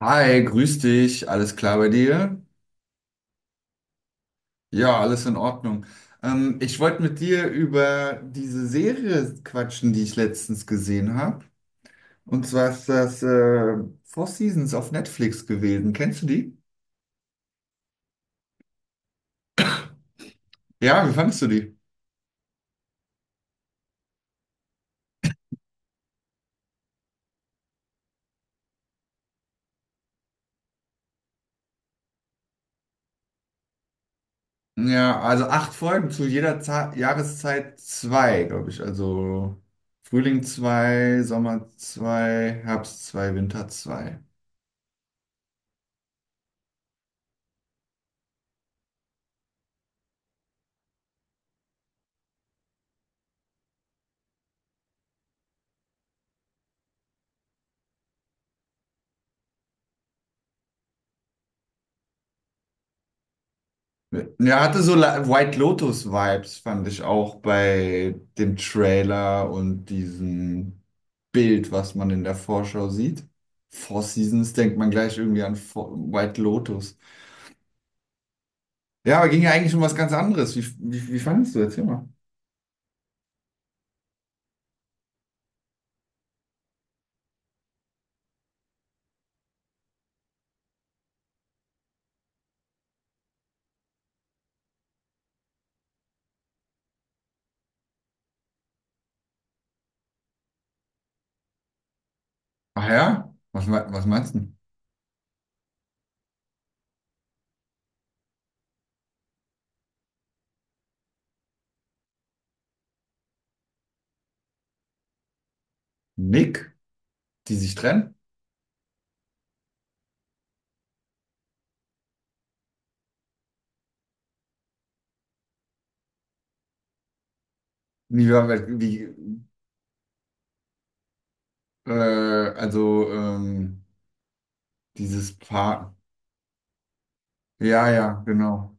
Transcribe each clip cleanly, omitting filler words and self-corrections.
Hi, grüß dich. Alles klar bei dir? Ja, alles in Ordnung. Ich wollte mit dir über diese Serie quatschen, die ich letztens gesehen habe. Und zwar ist das Four Seasons auf Netflix gewesen. Kennst du die? Ja, wie fandest du die? Ja, also acht Folgen zu jeder Za Jahreszeit zwei, glaube ich. Also Frühling zwei, Sommer zwei, Herbst zwei, Winter zwei. Ja, hatte so White Lotus-Vibes, fand ich auch bei dem Trailer und diesem Bild, was man in der Vorschau sieht. Four Seasons denkt man gleich irgendwie an White Lotus. Ja, aber ging ja eigentlich um was ganz anderes. Wie fandest du? Erzähl mal. Ach ja? Was, was meinst du? Nick, die sich trennen? Wie, war- wie, äh, also dieses Paar. Ja, ja, genau.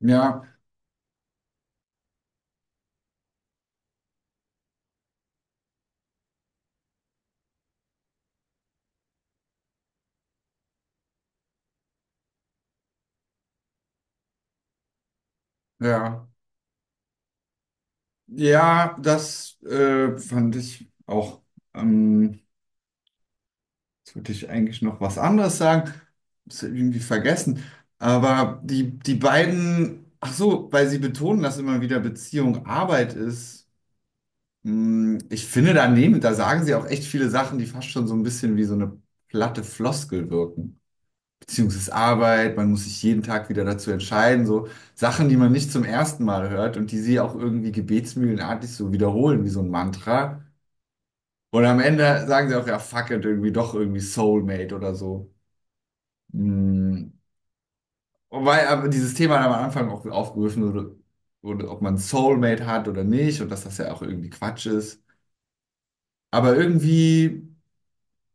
Ja, ja. Ja, das fand ich auch. Ähm, Jetzt wollte ich eigentlich noch was anderes sagen. Ist irgendwie vergessen. Aber die beiden, ach so, weil sie betonen, dass immer wieder Beziehung Arbeit ist. Ich finde daneben, da sagen sie auch echt viele Sachen, die fast schon so ein bisschen wie so eine platte Floskel wirken. Beziehung ist Arbeit, man muss sich jeden Tag wieder dazu entscheiden. So Sachen, die man nicht zum ersten Mal hört und die sie auch irgendwie gebetsmühlenartig so wiederholen, wie so ein Mantra. Und am Ende sagen sie auch, ja, fuck it, irgendwie doch irgendwie Soulmate oder so. Hm. Und weil aber dieses Thema dann am Anfang auch aufgerufen wurde, ob man Soulmate hat oder nicht und dass das ja auch irgendwie Quatsch ist. Aber irgendwie,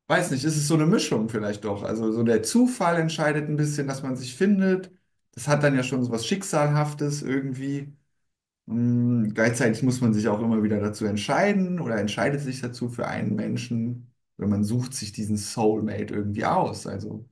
weiß nicht, ist es so eine Mischung vielleicht doch. Also so der Zufall entscheidet ein bisschen, dass man sich findet. Das hat dann ja schon so was Schicksalhaftes irgendwie. Gleichzeitig muss man sich auch immer wieder dazu entscheiden oder entscheidet sich dazu für einen Menschen, wenn man sucht sich diesen Soulmate irgendwie aus. Also,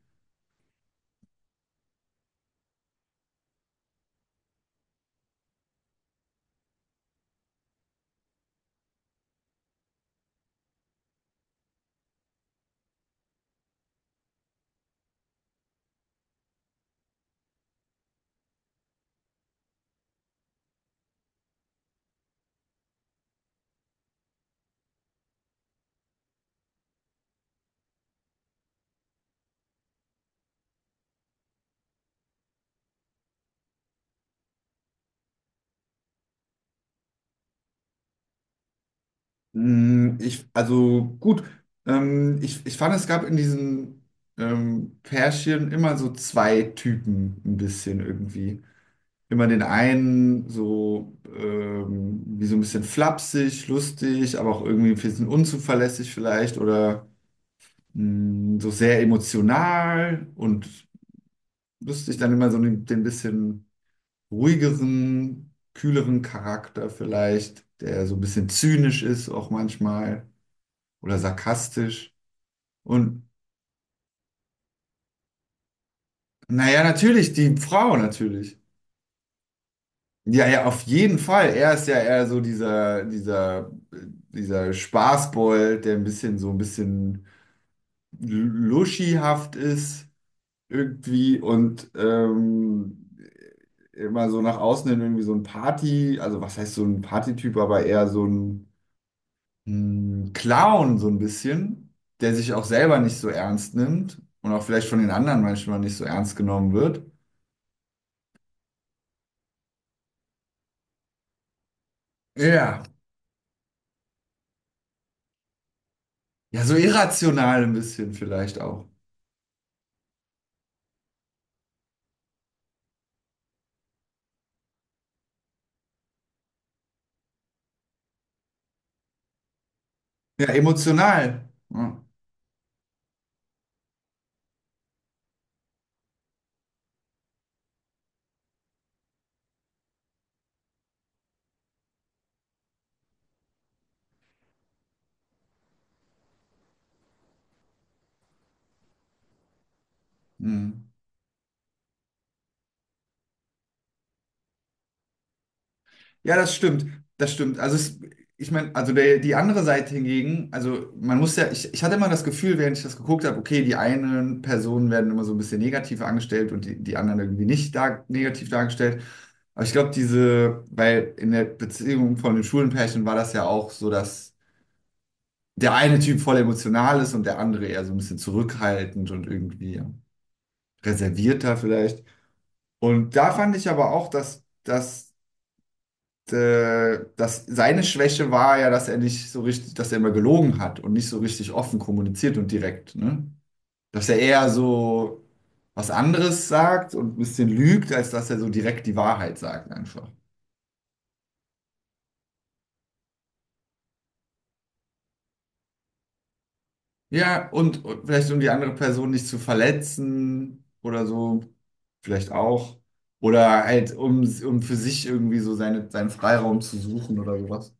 also gut, ich fand, es gab in diesen Pärchen immer so zwei Typen ein bisschen irgendwie. Immer den einen so wie so ein bisschen flapsig, lustig, aber auch irgendwie ein bisschen unzuverlässig vielleicht oder so sehr emotional und wüsste ich dann immer so den bisschen ruhigeren, kühleren Charakter vielleicht, der so ein bisschen zynisch ist auch manchmal oder sarkastisch. Und naja, natürlich, die Frau natürlich. Ja, ja, auf jeden Fall. Er ist ja eher so dieser Spaßbold, der ein bisschen so ein bisschen luschihaft ist irgendwie und immer so nach außen hin irgendwie so ein Party, also was heißt so ein Partytyp, aber eher so ein Clown so ein bisschen, der sich auch selber nicht so ernst nimmt und auch vielleicht von den anderen manchmal nicht so ernst genommen wird. Ja, ja, so irrational ein bisschen vielleicht auch. Ja, emotional. Ja. Hm. Ja, das stimmt. Das stimmt. Also es, ich meine, also der, die andere Seite hingegen, also man muss ja, ich hatte immer das Gefühl, während ich das geguckt habe, okay, die einen Personen werden immer so ein bisschen negativ angestellt und die, anderen irgendwie nicht dar negativ dargestellt. Aber ich glaube, diese, weil in der Beziehung von den Schulenpärchen war das ja auch so, dass der eine Typ voll emotional ist und der andere eher so ein bisschen zurückhaltend und irgendwie reservierter vielleicht. Und da fand ich aber auch, dass seine Schwäche war ja, dass er nicht so richtig, dass er immer gelogen hat und nicht so richtig offen kommuniziert und direkt, ne? Dass er eher so was anderes sagt und ein bisschen lügt, als dass er so direkt die Wahrheit sagt einfach. Ja, und vielleicht um die andere Person nicht zu verletzen oder so, vielleicht auch. Oder halt, um für sich irgendwie so seinen Freiraum zu suchen oder sowas.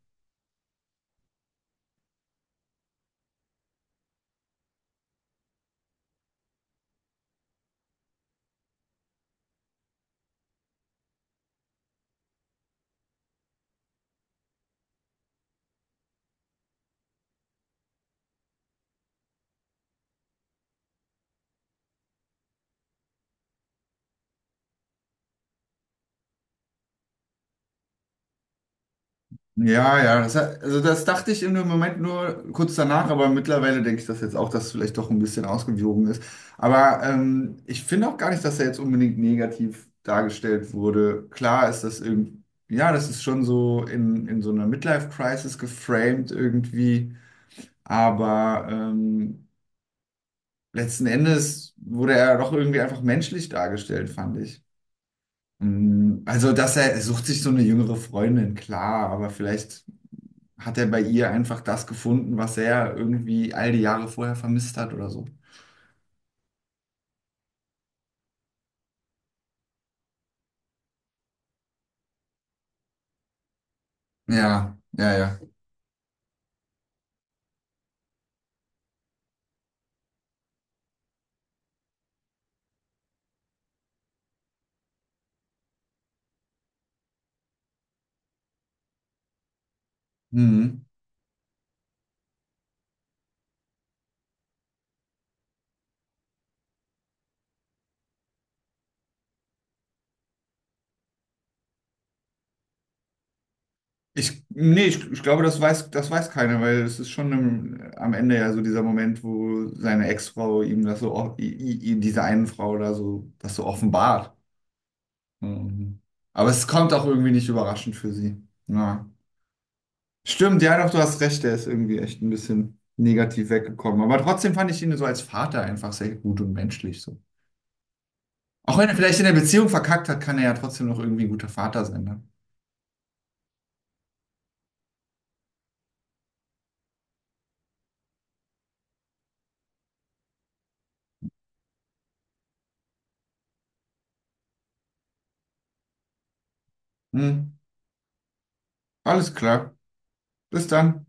Ja, ja, also das dachte ich im Moment nur kurz danach, aber mittlerweile denke ich das jetzt auch, dass es vielleicht doch ein bisschen ausgewogen ist. Aber ich finde auch gar nicht, dass er jetzt unbedingt negativ dargestellt wurde. Klar ist das irgendwie, ja, das ist schon so in so einer Midlife-Crisis geframed irgendwie, aber letzten Endes wurde er doch irgendwie einfach menschlich dargestellt, fand ich. Also, dass er sucht sich so eine jüngere Freundin, klar, aber vielleicht hat er bei ihr einfach das gefunden, was er irgendwie all die Jahre vorher vermisst hat oder so. Ja, ja, ja. Hm. Nee, ich glaube, das weiß keiner, weil es ist schon am Ende ja so dieser Moment, wo seine Ex-Frau ihm das so, diese einen Frau da so, das so offenbart. Mhm. Aber es kommt auch irgendwie nicht überraschend für sie. Ja. Stimmt, ja, doch, du hast recht, der ist irgendwie echt ein bisschen negativ weggekommen. Aber trotzdem fand ich ihn so als Vater einfach sehr gut und menschlich. So. Auch wenn er vielleicht in der Beziehung verkackt hat, kann er ja trotzdem noch irgendwie ein guter Vater sein. Ne? Hm. Alles klar. Bis dann.